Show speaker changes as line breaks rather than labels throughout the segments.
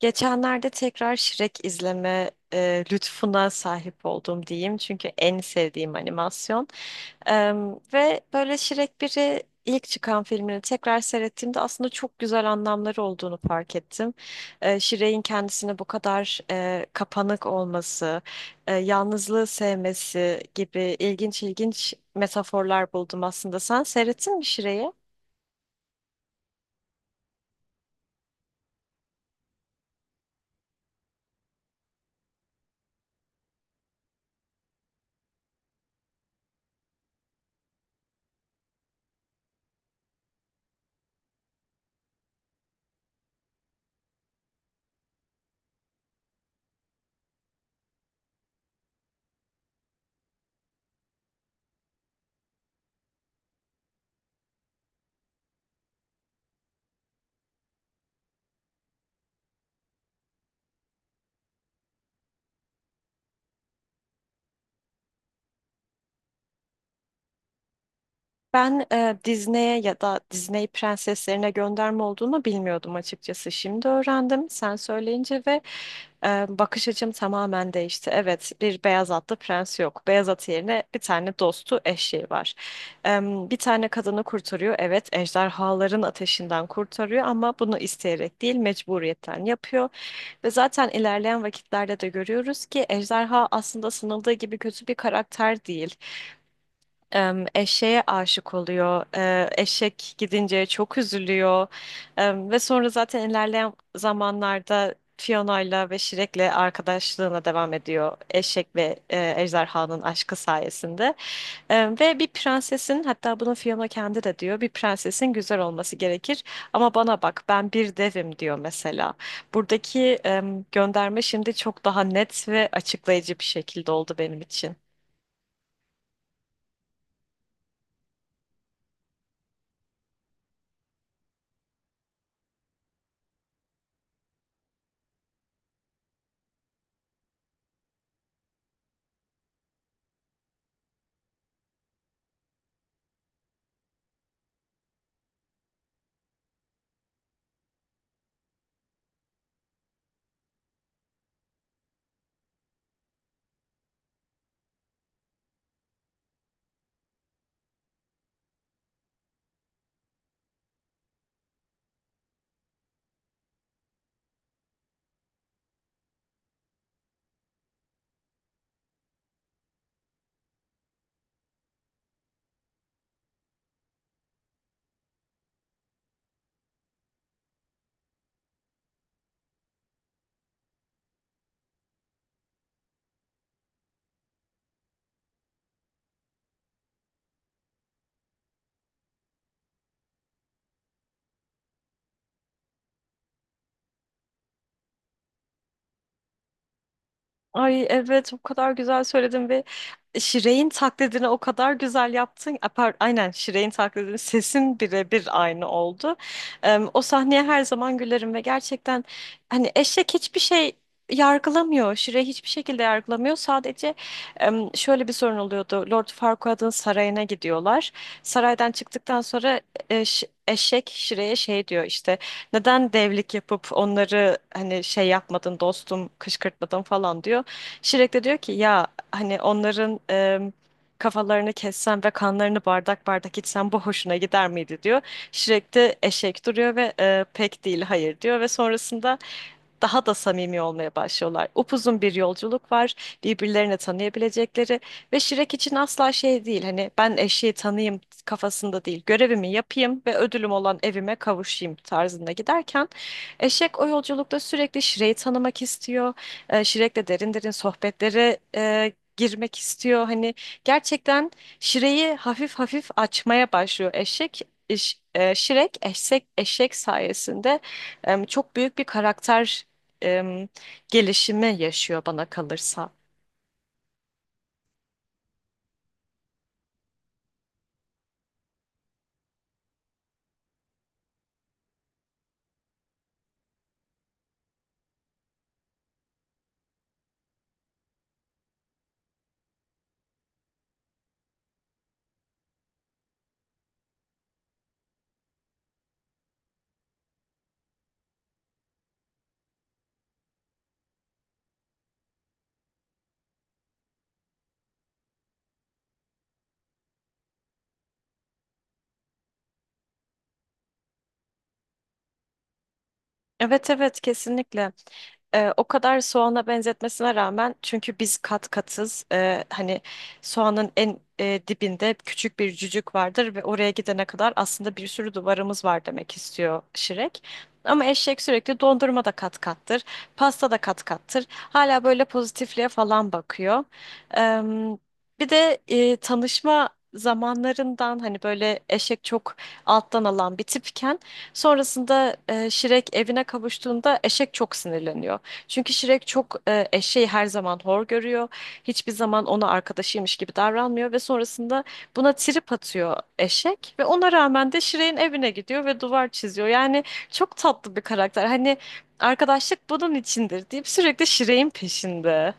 Geçenlerde tekrar Shrek izleme lütfuna sahip oldum diyeyim. Çünkü en sevdiğim animasyon. Ve böyle Shrek 1'i ilk çıkan filmini tekrar seyrettiğimde aslında çok güzel anlamları olduğunu fark ettim. Shrek'in kendisine bu kadar kapanık olması, yalnızlığı sevmesi gibi ilginç ilginç metaforlar buldum aslında. Sen seyrettin mi Shrek'i? Ben Disney'e ya da Disney prenseslerine gönderme olduğunu bilmiyordum açıkçası. Şimdi öğrendim sen söyleyince ve bakış açım tamamen değişti. Evet, bir beyaz atlı prens yok. Beyaz at yerine bir tane dostu eşeği var. E, Bir tane kadını kurtarıyor. Evet, ejderhaların ateşinden kurtarıyor ama bunu isteyerek değil, mecburiyetten yapıyor. Ve zaten ilerleyen vakitlerde de görüyoruz ki ejderha aslında sanıldığı gibi kötü bir karakter değil, eşeğe aşık oluyor. Eşek gidince çok üzülüyor. Ve sonra zaten ilerleyen zamanlarda Fiona'yla ve Shrek'le arkadaşlığına devam ediyor. Eşek ve ejderhanın aşkı sayesinde. Ve bir prensesin, hatta bunu Fiona kendi de diyor. Bir prensesin güzel olması gerekir. Ama bana bak, ben bir devim diyor mesela. Buradaki gönderme şimdi çok daha net ve açıklayıcı bir şekilde oldu benim için. Ay evet, o kadar güzel söyledin ve Şirey'in taklidini o kadar güzel yaptın. Aynen Şirey'in taklidini sesin birebir aynı oldu. O sahneye her zaman gülerim ve gerçekten hani eşek hiçbir şey yargılamıyor. Şirey hiçbir şekilde yargılamıyor. Sadece şöyle bir sorun oluyordu. Lord Farquaad'ın sarayına gidiyorlar. Saraydan çıktıktan sonra eşek Şirey'e şey diyor işte, neden devlik yapıp onları hani şey yapmadın dostum, kışkırtmadın falan diyor. Şirek de diyor ki ya, hani onların kafalarını kessem ve kanlarını bardak bardak içsem bu hoşuna gider miydi diyor. Şirek de eşek duruyor ve pek değil, hayır diyor ve sonrasında daha da samimi olmaya başlıyorlar. Upuzun bir yolculuk var, birbirlerini tanıyabilecekleri ve Şirek için asla şey değil, hani ben eşeği tanıyayım kafasında değil, görevimi yapayım ve ödülüm olan evime kavuşayım tarzında giderken eşek o yolculukta sürekli Şirek'i tanımak istiyor, Şirek'le derin derin sohbetlere girmek istiyor. Hani gerçekten Şire'yi hafif hafif açmaya başlıyor. Eşek Şirek eşek sayesinde çok büyük bir karakter em, gelişimi yaşıyor bana kalırsa. Evet evet, kesinlikle. O kadar soğana benzetmesine rağmen, çünkü biz kat katız. Hani soğanın en dibinde küçük bir cücük vardır ve oraya gidene kadar aslında bir sürü duvarımız var demek istiyor Şirek. Ama eşek sürekli dondurma da kat kattır, pasta da kat kattır. Hala böyle pozitifliğe falan bakıyor. Ee, Bir de tanışma zamanlarından hani böyle eşek çok alttan alan bir tipken sonrasında Şirek evine kavuştuğunda eşek çok sinirleniyor. Çünkü Şirek çok eşeği her zaman hor görüyor. Hiçbir zaman ona arkadaşıymış gibi davranmıyor ve sonrasında buna trip atıyor eşek ve ona rağmen de Şirek'in evine gidiyor ve duvar çiziyor. Yani çok tatlı bir karakter. Hani arkadaşlık bunun içindir deyip sürekli Şirek'in peşinde.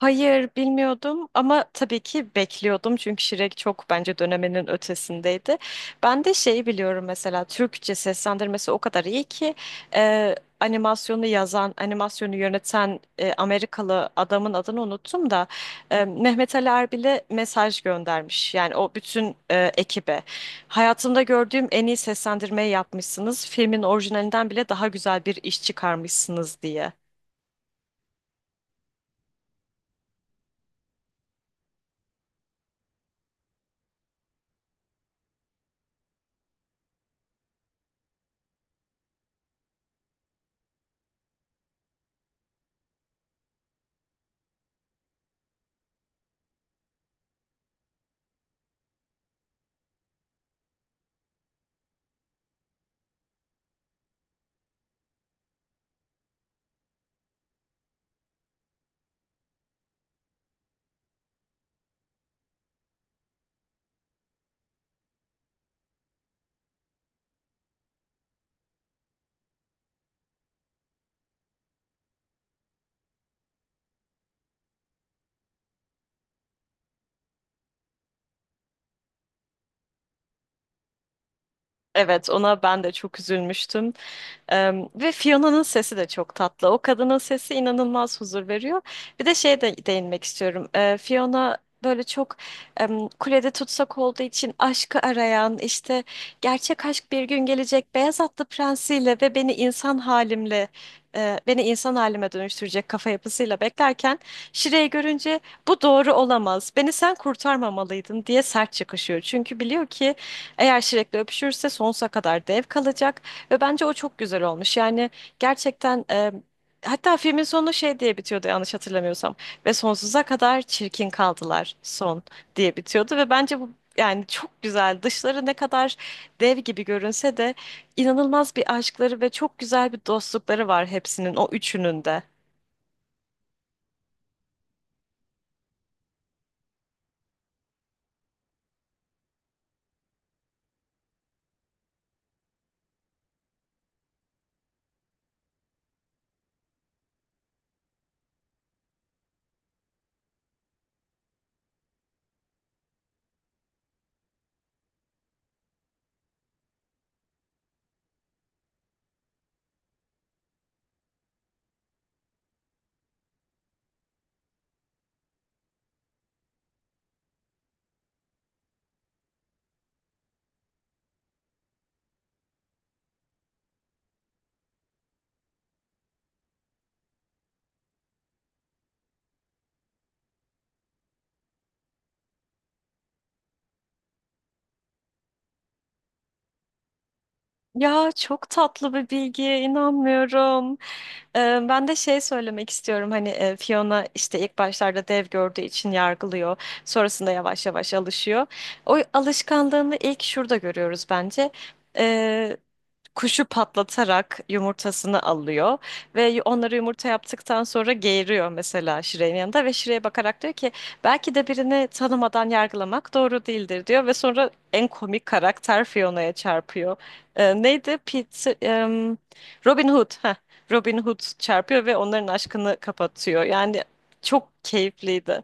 Hayır, bilmiyordum ama tabii ki bekliyordum çünkü Şirek çok bence döneminin ötesindeydi. Ben de şeyi biliyorum mesela, Türkçe seslendirmesi o kadar iyi ki, e, animasyonu yazan, animasyonu yöneten Amerikalı adamın adını unuttum da Mehmet Ali Erbil'e mesaj göndermiş. Yani o bütün ekibe. Hayatımda gördüğüm en iyi seslendirmeyi yapmışsınız. Filmin orijinalinden bile daha güzel bir iş çıkarmışsınız diye. Evet, ona ben de çok üzülmüştüm. Ve Fiona'nın sesi de çok tatlı. O kadının sesi inanılmaz huzur veriyor. Bir de şeye de değinmek istiyorum. E, Fiona böyle çok kulede tutsak olduğu için aşkı arayan, işte gerçek aşk bir gün gelecek beyaz atlı prensiyle ve beni insan halimle e, beni insan halime dönüştürecek kafa yapısıyla beklerken Şire'yi görünce bu doğru olamaz. Beni sen kurtarmamalıydın diye sert çıkışıyor. Çünkü biliyor ki eğer Shrek'le öpüşürse sonsuza kadar dev kalacak ve bence o çok güzel olmuş. Yani gerçekten, hatta filmin sonu şey diye bitiyordu yanlış hatırlamıyorsam, ve sonsuza kadar çirkin kaldılar son diye bitiyordu ve bence bu yani çok güzel. Dışları ne kadar dev gibi görünse de inanılmaz bir aşkları ve çok güzel bir dostlukları var hepsinin, o üçünün de. Ya çok tatlı bir bilgiye inanmıyorum. Ben de şey söylemek istiyorum, hani Fiona işte ilk başlarda dev gördüğü için yargılıyor. Sonrasında yavaş yavaş alışıyor. O alışkanlığını ilk şurada görüyoruz bence, kuşu patlatarak yumurtasını alıyor ve onları yumurta yaptıktan sonra geğiriyor mesela Şire'nin yanında ve Şire'ye bakarak diyor ki belki de birini tanımadan yargılamak doğru değildir diyor ve sonra en komik karakter Fiona'ya çarpıyor. Neydi? Robin Hood. Heh, Robin Hood çarpıyor ve onların aşkını kapatıyor. Yani çok keyifliydi.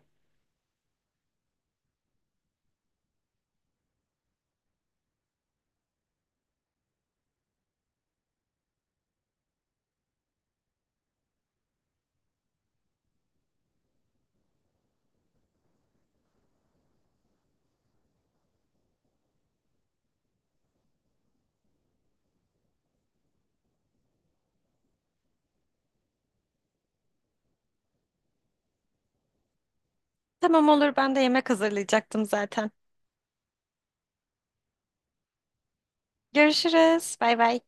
Tamam, olur, ben de yemek hazırlayacaktım zaten. Görüşürüz. Bay bay.